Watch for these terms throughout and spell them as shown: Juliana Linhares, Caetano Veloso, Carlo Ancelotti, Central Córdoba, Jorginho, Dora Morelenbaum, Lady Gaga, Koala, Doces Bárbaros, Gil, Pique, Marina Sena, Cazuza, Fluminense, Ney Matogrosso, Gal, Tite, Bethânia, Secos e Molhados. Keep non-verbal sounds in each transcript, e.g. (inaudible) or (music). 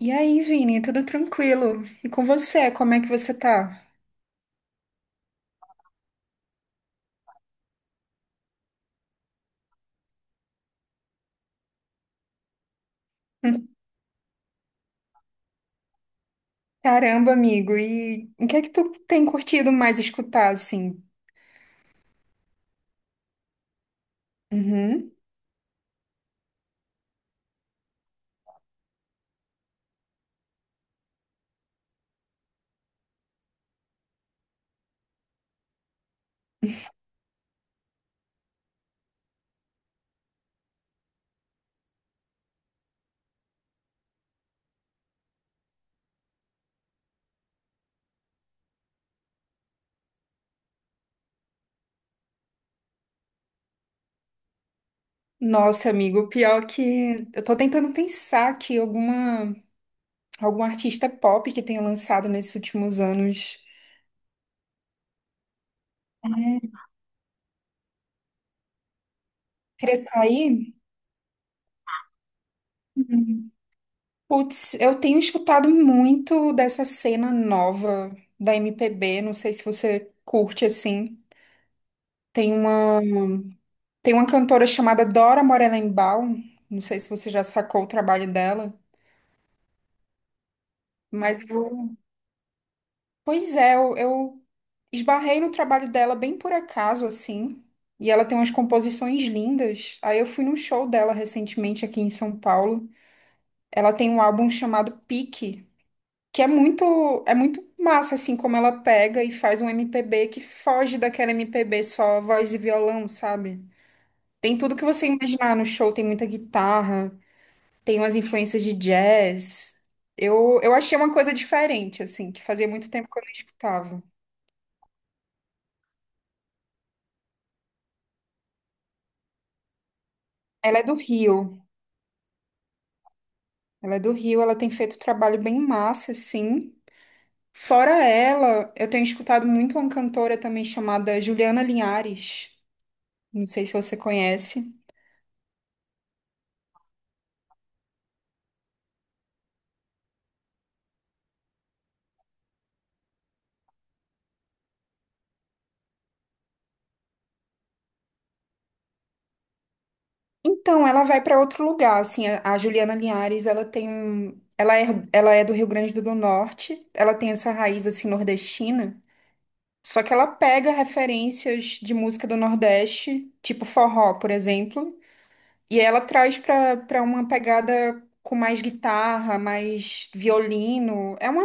E aí, Vini, tudo tranquilo? E com você, como é que você tá? (laughs) Caramba, amigo, e o que é que tu tem curtido mais escutar, assim? Uhum. Nossa, amigo, o pior que eu tô tentando pensar aqui algum artista pop que tenha lançado nesses últimos anos. É. Queria sair? Uhum. Putz, eu tenho escutado muito dessa cena nova da MPB, não sei se você curte, assim. Tem uma. Tem uma cantora chamada Dora Morelenbaum, não sei se você já sacou o trabalho dela, mas pois é, eu esbarrei no trabalho dela bem por acaso, assim, e ela tem umas composições lindas. Aí eu fui num show dela recentemente aqui em São Paulo. Ela tem um álbum chamado Pique, que é muito, é muito massa, assim, como ela pega e faz um MPB que foge daquela MPB só voz e violão, sabe? Tem tudo que você imaginar no show, tem muita guitarra. Tem umas influências de jazz. Eu achei uma coisa diferente, assim, que fazia muito tempo que eu não escutava. Ela é do Rio. Ela é do Rio, ela tem feito um trabalho bem massa, assim. Fora ela, eu tenho escutado muito uma cantora também chamada Juliana Linhares. Não sei se você conhece. Então, ela vai para outro lugar, assim, a Juliana Linhares, ela é do Rio Grande do Norte, ela tem essa raiz, assim, nordestina. Só que ela pega referências de música do Nordeste, tipo forró, por exemplo, e ela traz pra para uma pegada com mais guitarra, mais violino. É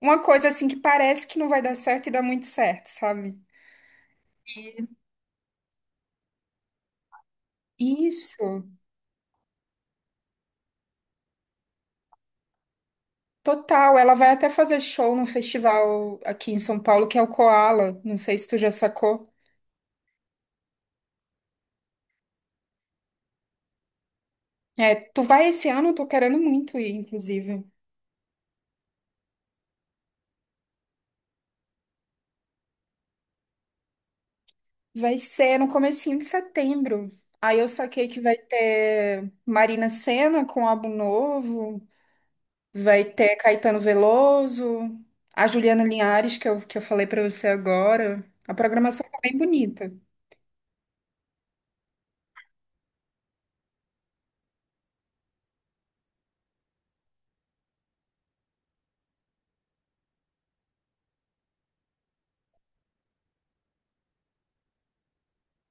uma coisa assim que parece que não vai dar certo e dá muito certo, sabe? Isso, total. Ela vai até fazer show num festival aqui em São Paulo, que é o Koala. Não sei se tu já sacou. É, tu vai esse ano, eu tô querendo muito ir, inclusive. Vai ser no comecinho de setembro. Aí eu saquei que vai ter Marina Sena com álbum novo, vai ter Caetano Veloso, a Juliana Linhares, que eu falei pra você agora. A programação tá bem bonita.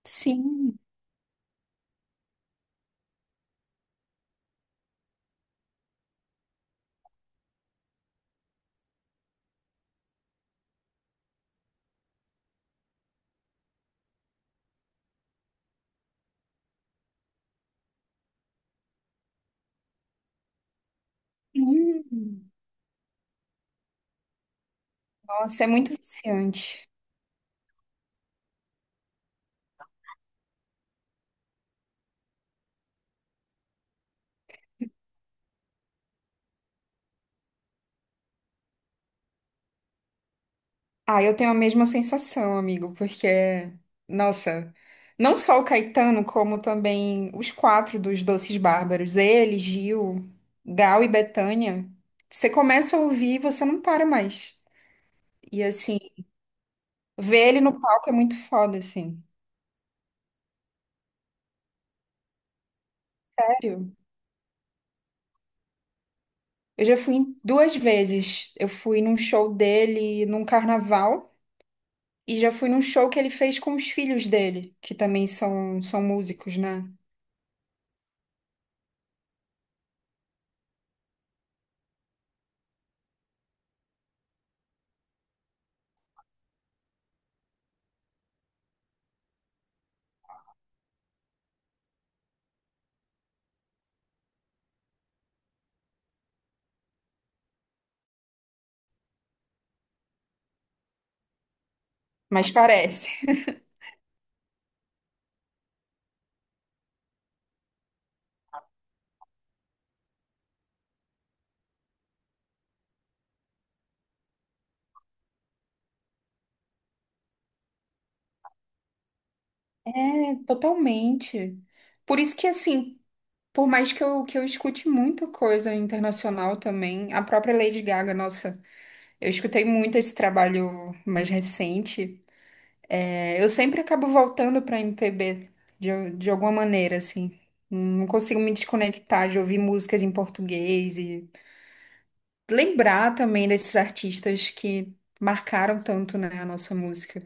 Sim. Hum. Nossa, é muito viciante. Ah, eu tenho a mesma sensação, amigo, porque, nossa, não só o Caetano, como também os quatro dos Doces Bárbaros, ele, Gil, Gal e Bethânia, você começa a ouvir e você não para mais. E assim, ver ele no palco é muito foda, assim. Sério. Eu já fui em duas vezes. Eu fui num show dele num carnaval e já fui num show que ele fez com os filhos dele, que também são, são músicos, né? Mas parece. É, totalmente. Por isso que, assim, por mais que eu escute muita coisa internacional também, a própria Lady Gaga, nossa, eu escutei muito esse trabalho mais recente. É, eu sempre acabo voltando pra MPB, de alguma maneira, assim. Não consigo me desconectar de ouvir músicas em português e lembrar também desses artistas que marcaram tanto, né, a nossa música.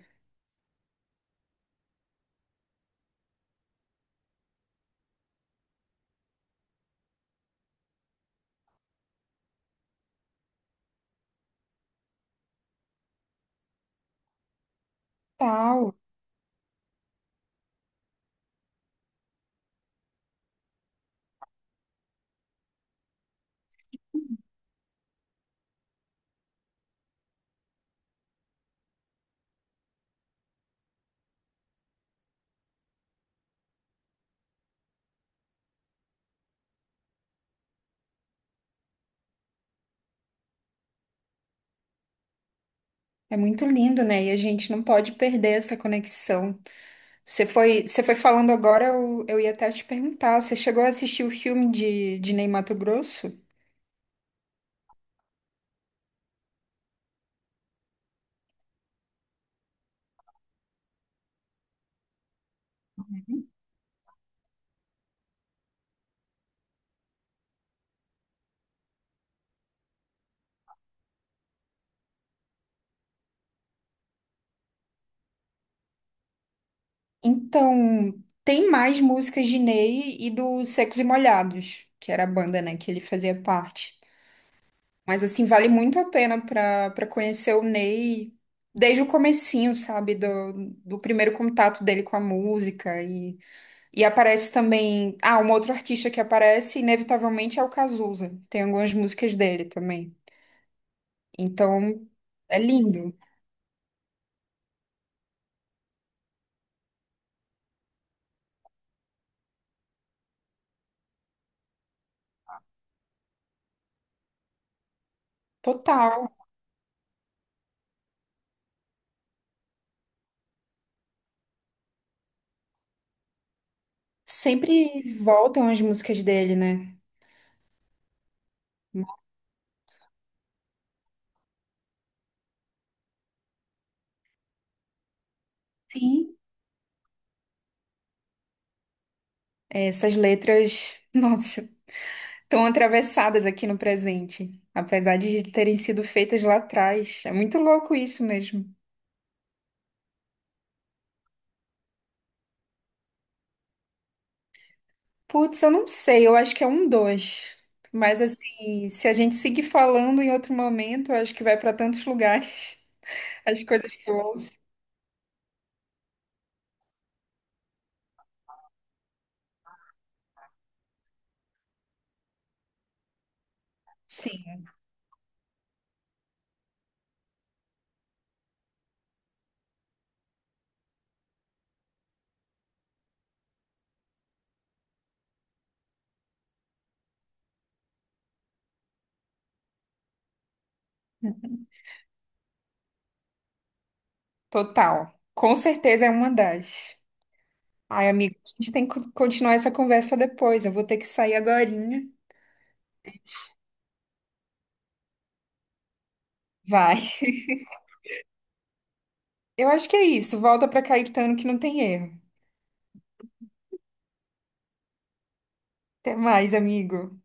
Tal, é muito lindo, né? E a gente não pode perder essa conexão. Você foi falando agora, eu ia até te perguntar, você chegou a assistir o filme de Ney Matogrosso? Então, tem mais músicas de Ney e do Secos e Molhados, que era a banda, né, que ele fazia parte. Mas, assim, vale muito a pena para conhecer o Ney desde o comecinho, sabe, do, do primeiro contato dele com a música. E aparece também... Ah, um outro artista que aparece, inevitavelmente, é o Cazuza. Tem algumas músicas dele também. Então, é lindo. Total. Sempre voltam as músicas dele, né? Sim. Essas letras, (laughs) nossa, estão atravessadas aqui no presente, apesar de terem sido feitas lá atrás. É muito louco isso mesmo. Putz, eu não sei, eu acho que é um dois. Mas assim, se a gente seguir falando em outro momento, eu acho que vai para tantos lugares (laughs) as coisas que eu ouço. Sim, total. Com certeza é uma das. Ai, amigo, a gente tem que continuar essa conversa depois. Eu vou ter que sair agorinha. Vai. Eu acho que é isso. Volta pra Caetano que não tem erro. Até mais, amigo.